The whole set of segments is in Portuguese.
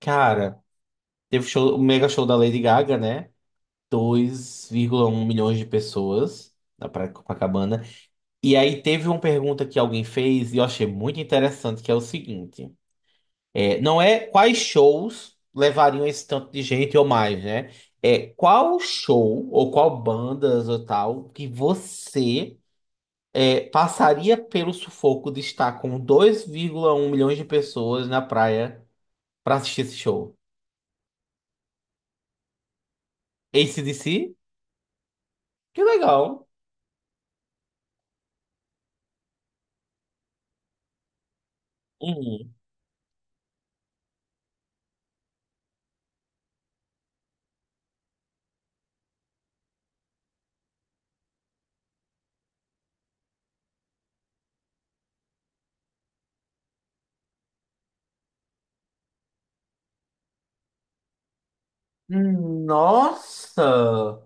Cara, teve o show, o mega show da Lady Gaga, né? 2,1 milhões de pessoas na Praia de Copacabana. E aí teve uma pergunta que alguém fez e eu achei muito interessante, que é o seguinte. É, não é quais shows levariam esse tanto de gente ou mais, né? É qual show ou qual bandas ou tal que você passaria pelo sufoco de estar com 2,1 milhões de pessoas na praia pra assistir esse show? AC/DC? Que legal. Hum. Nossa!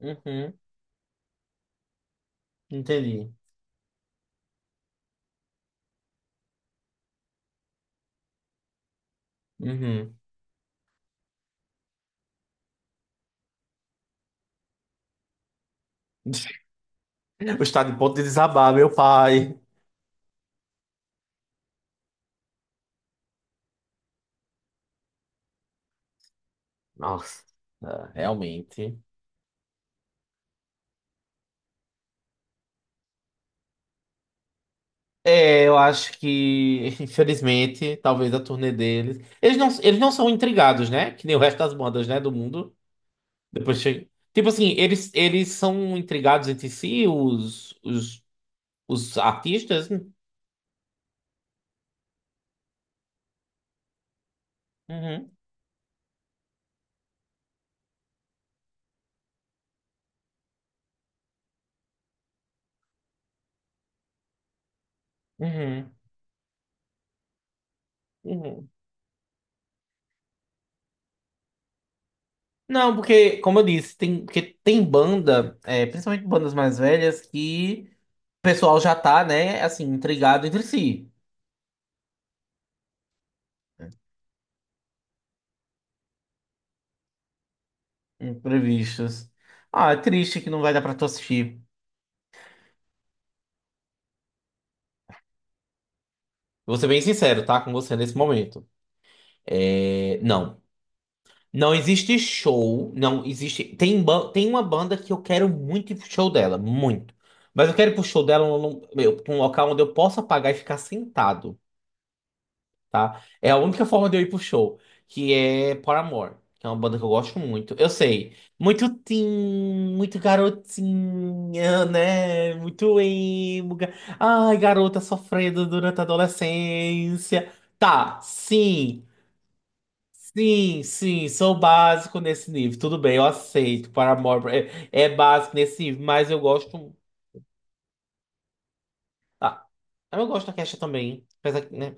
Uhum. Entendi. Uhum. O estado de ponto de desabar, meu pai. Nossa, realmente. É, eu acho que, infelizmente, talvez a turnê deles. Eles não são intrigados, né? Que nem o resto das bandas, né? Do mundo. Depois chega. Tipo assim, eles são intrigados entre si, os artistas. Uhum. Uhum. Uhum. Não, porque, como eu disse, porque tem banda, principalmente bandas mais velhas, que o pessoal já tá, né, assim, intrigado entre si. Imprevistos. Ah, é triste que não vai dar pra tu assistir. Vou ser bem sincero, tá? Com você nesse momento. É, não. Não existe show, não existe. Tem uma banda que eu quero muito ir pro show dela, muito. Mas eu quero ir pro show dela pra um local onde eu possa pagar e ficar sentado. Tá? É a única forma de eu ir pro show, que é Paramore, que é uma banda que eu gosto muito. Eu sei, muito teen, muito garotinha, né? Muito emo. Ai, garota sofrendo durante a adolescência. Tá, sim. Sim, sim, sou básico nesse nível. Tudo bem, eu aceito. Paramore é básico nesse nível, mas eu gosto. Ah, eu gosto da Kesha também. Apesar que, né?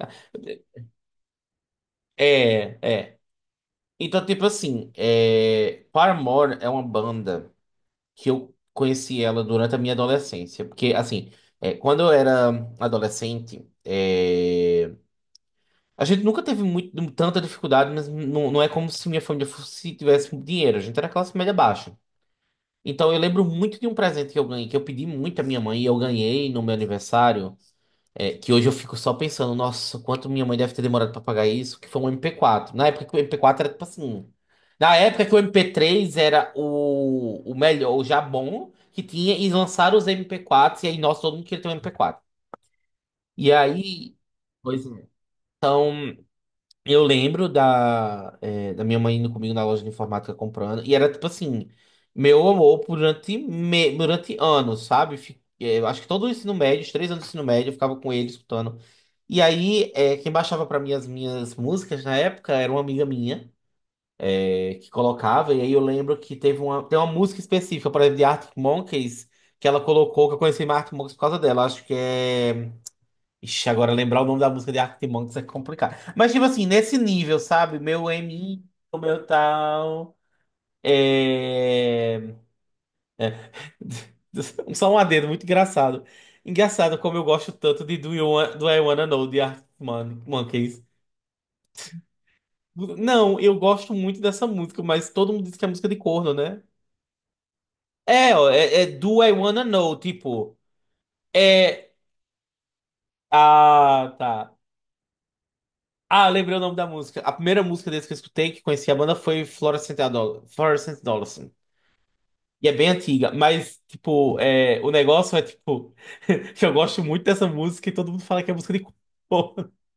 É, é. Então, tipo assim, Paramore é uma banda que eu conheci ela durante a minha adolescência. Porque, assim, quando eu era adolescente, a gente nunca teve muito, tanta dificuldade, mas não é como se minha família tivesse dinheiro. A gente era classe média baixa. Então, eu lembro muito de um presente que eu ganhei, que eu pedi muito à minha mãe e eu ganhei no meu aniversário. Que hoje eu fico só pensando, nossa, quanto minha mãe deve ter demorado pra pagar isso, que foi um MP4. Na época que o MP4 era tipo assim. Na época que o MP3 era o melhor, o já bom que tinha, e lançaram os MP4, e aí, nossa, todo mundo queria ter um MP4. E aí. Pois é. Eu lembro da minha mãe indo comigo na loja de informática comprando. E era tipo assim, meu amor durante anos, sabe? Eu acho que todo o ensino médio, os 3 anos do ensino médio, eu ficava com ele escutando. E aí, quem baixava pra mim as minhas músicas na época era uma amiga minha, que colocava. E aí eu lembro que tem uma música específica, por exemplo, de Arctic Monkeys, que ela colocou, que eu conheci mais Arctic Monkeys por causa dela. Acho que é. Ixi, agora lembrar o nome da música de Arctic Monkeys é complicado. Mas, tipo assim, nesse nível, sabe? O meu tal. É. Só um adendo, muito engraçado. Engraçado como eu gosto tanto de Do I Wanna Know de Arctic Monkeys. Não, eu gosto muito dessa música, mas todo mundo diz que é música de corno, né? É, ó, é Do I Wanna Know, tipo. É. Ah, tá. Ah, eu lembrei o nome da música. A primeira música deles que eu escutei, que conheci a banda, foi Florence and the Adolescent. E é bem antiga, mas, tipo, o negócio é, tipo, que eu gosto muito dessa música e todo mundo fala que é música de corno.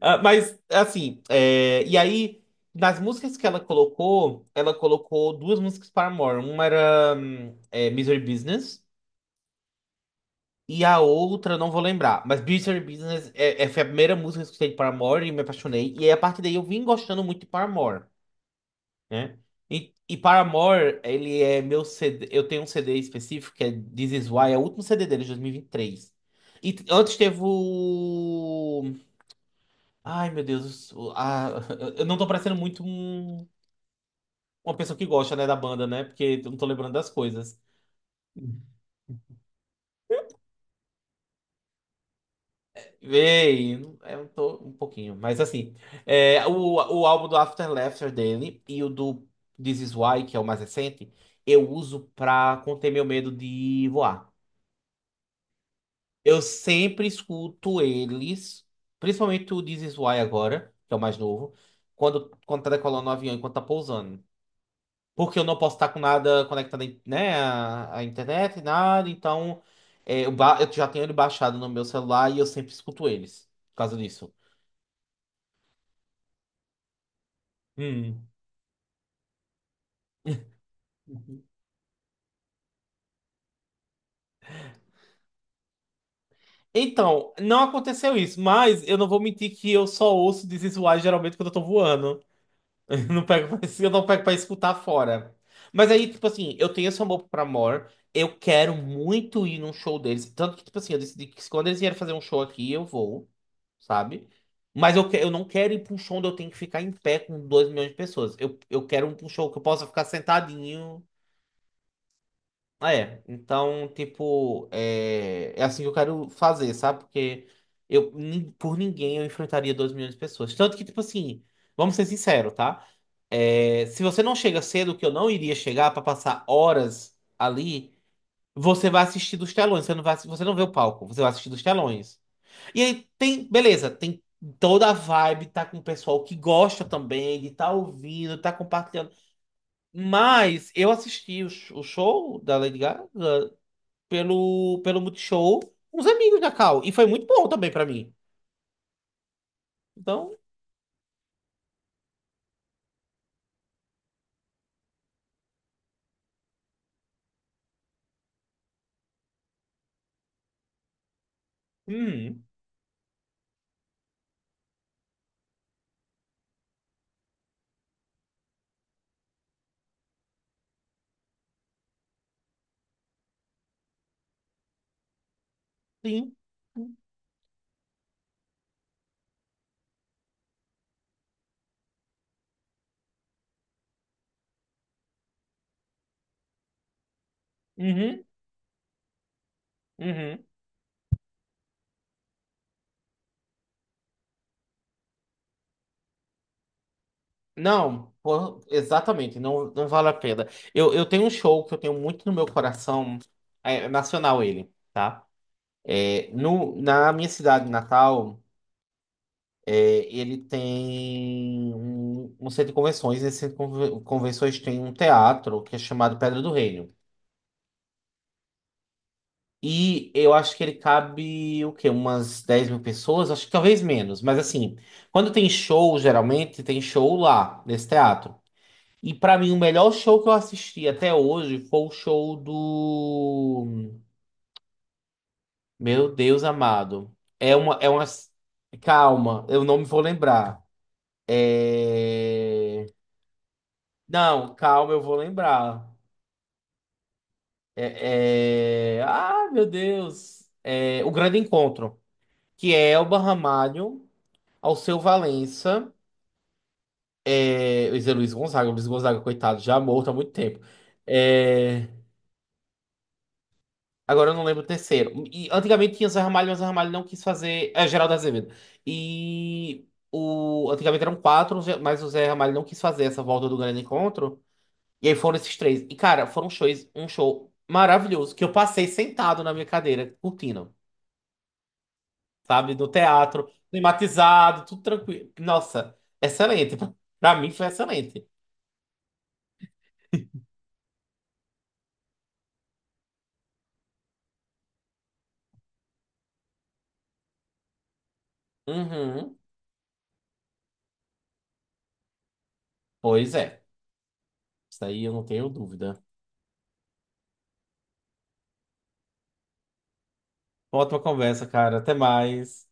Ah, mas, assim, e aí, nas músicas que ela colocou duas músicas para Paramore. Uma era Misery Business e a outra, eu não vou lembrar. Mas Misery Business foi a primeira música que eu escutei de Paramore e me apaixonei. E aí, a partir daí, eu vim gostando muito de Paramore, né? E Paramore, ele é meu CD. Eu tenho um CD específico que é This Is Why, é o último CD dele, de 2023. Antes teve o. Ai, meu Deus. Eu não tô parecendo muito uma pessoa que gosta, né, da banda, né? Porque eu não tô lembrando das coisas. Ei, eu tô um pouquinho, mas assim, o álbum do After Laughter dele e o do This Is Why, que é o mais recente, eu uso pra conter meu medo de voar. Eu sempre escuto eles, principalmente o This Is Why agora, que é o mais novo, quando tá decolando o avião, enquanto tá pousando. Porque eu não posso estar com nada conectado, né, à internet, nada, então eu já tenho ele baixado no meu celular e eu sempre escuto eles, por causa disso. Hum. Então, não aconteceu isso, mas eu não vou mentir que eu só ouço This Is Why geralmente quando eu tô voando. Eu não pego, pra- Eu não pego pra escutar fora. Mas aí, tipo assim, eu tenho esse amor pra Amor. Eu quero muito ir num show deles. Tanto que, tipo assim, eu decidi que quando eles vierem fazer um show aqui, eu vou, sabe? Mas eu não quero ir pra um show onde eu tenho que ficar em pé com 2 milhões de pessoas. Eu quero um show que eu possa ficar sentadinho. Ah, é. Então, tipo, é assim que eu quero fazer, sabe? Porque por ninguém eu enfrentaria 2 milhões de pessoas. Tanto que, tipo assim, vamos ser sinceros, tá? É, se você não chega cedo, que eu não iria chegar para passar horas ali, você vai assistir dos telões, você não vê o palco, você vai assistir dos telões. E aí tem, beleza, tem toda a vibe, tá com o pessoal que gosta também, de tá ouvindo, tá compartilhando. Mas eu assisti o show da Lady Gaga pelo Multishow com os amigos da Cal, e foi muito bom também para mim. Então, hum, sim, uhum, uhum. Não, pô, exatamente, não, não vale a pena. Eu tenho um show que eu tenho muito no meu coração, é nacional ele, tá? É, no, na minha cidade natal, é, ele tem um, centro de convenções. Nesse centro de convenções tem um teatro que é chamado Pedra do Reino. E eu acho que ele cabe, o quê? Umas 10 mil pessoas, acho que talvez menos, mas assim, quando tem show, geralmente tem show lá, nesse teatro. E pra mim, o melhor show que eu assisti até hoje foi o show do. Meu Deus amado. É uma. É uma... Calma, eu não me vou lembrar. É... Não, calma, eu vou lembrar. É... Ah, meu Deus. É... O Grande Encontro, que é Elba Ramalho, Alceu Valença, Zé Luiz Gonzaga. Luiz Gonzaga, coitado, já morto há muito tempo. É... Agora eu não lembro o terceiro. E antigamente tinha Zé Ramalho, mas Zé Ramalho não quis fazer. É, Geraldo Azevedo. Antigamente eram quatro, mas o Zé Ramalho não quis fazer essa volta do grande encontro. E aí foram esses três. E, cara, um show maravilhoso, que eu passei sentado na minha cadeira, curtindo, sabe? No teatro, climatizado, tudo tranquilo. Nossa, excelente. Pra mim foi excelente. Uhum. Pois é. Isso aí eu não tenho dúvida. Ótima conversa, cara. Até mais.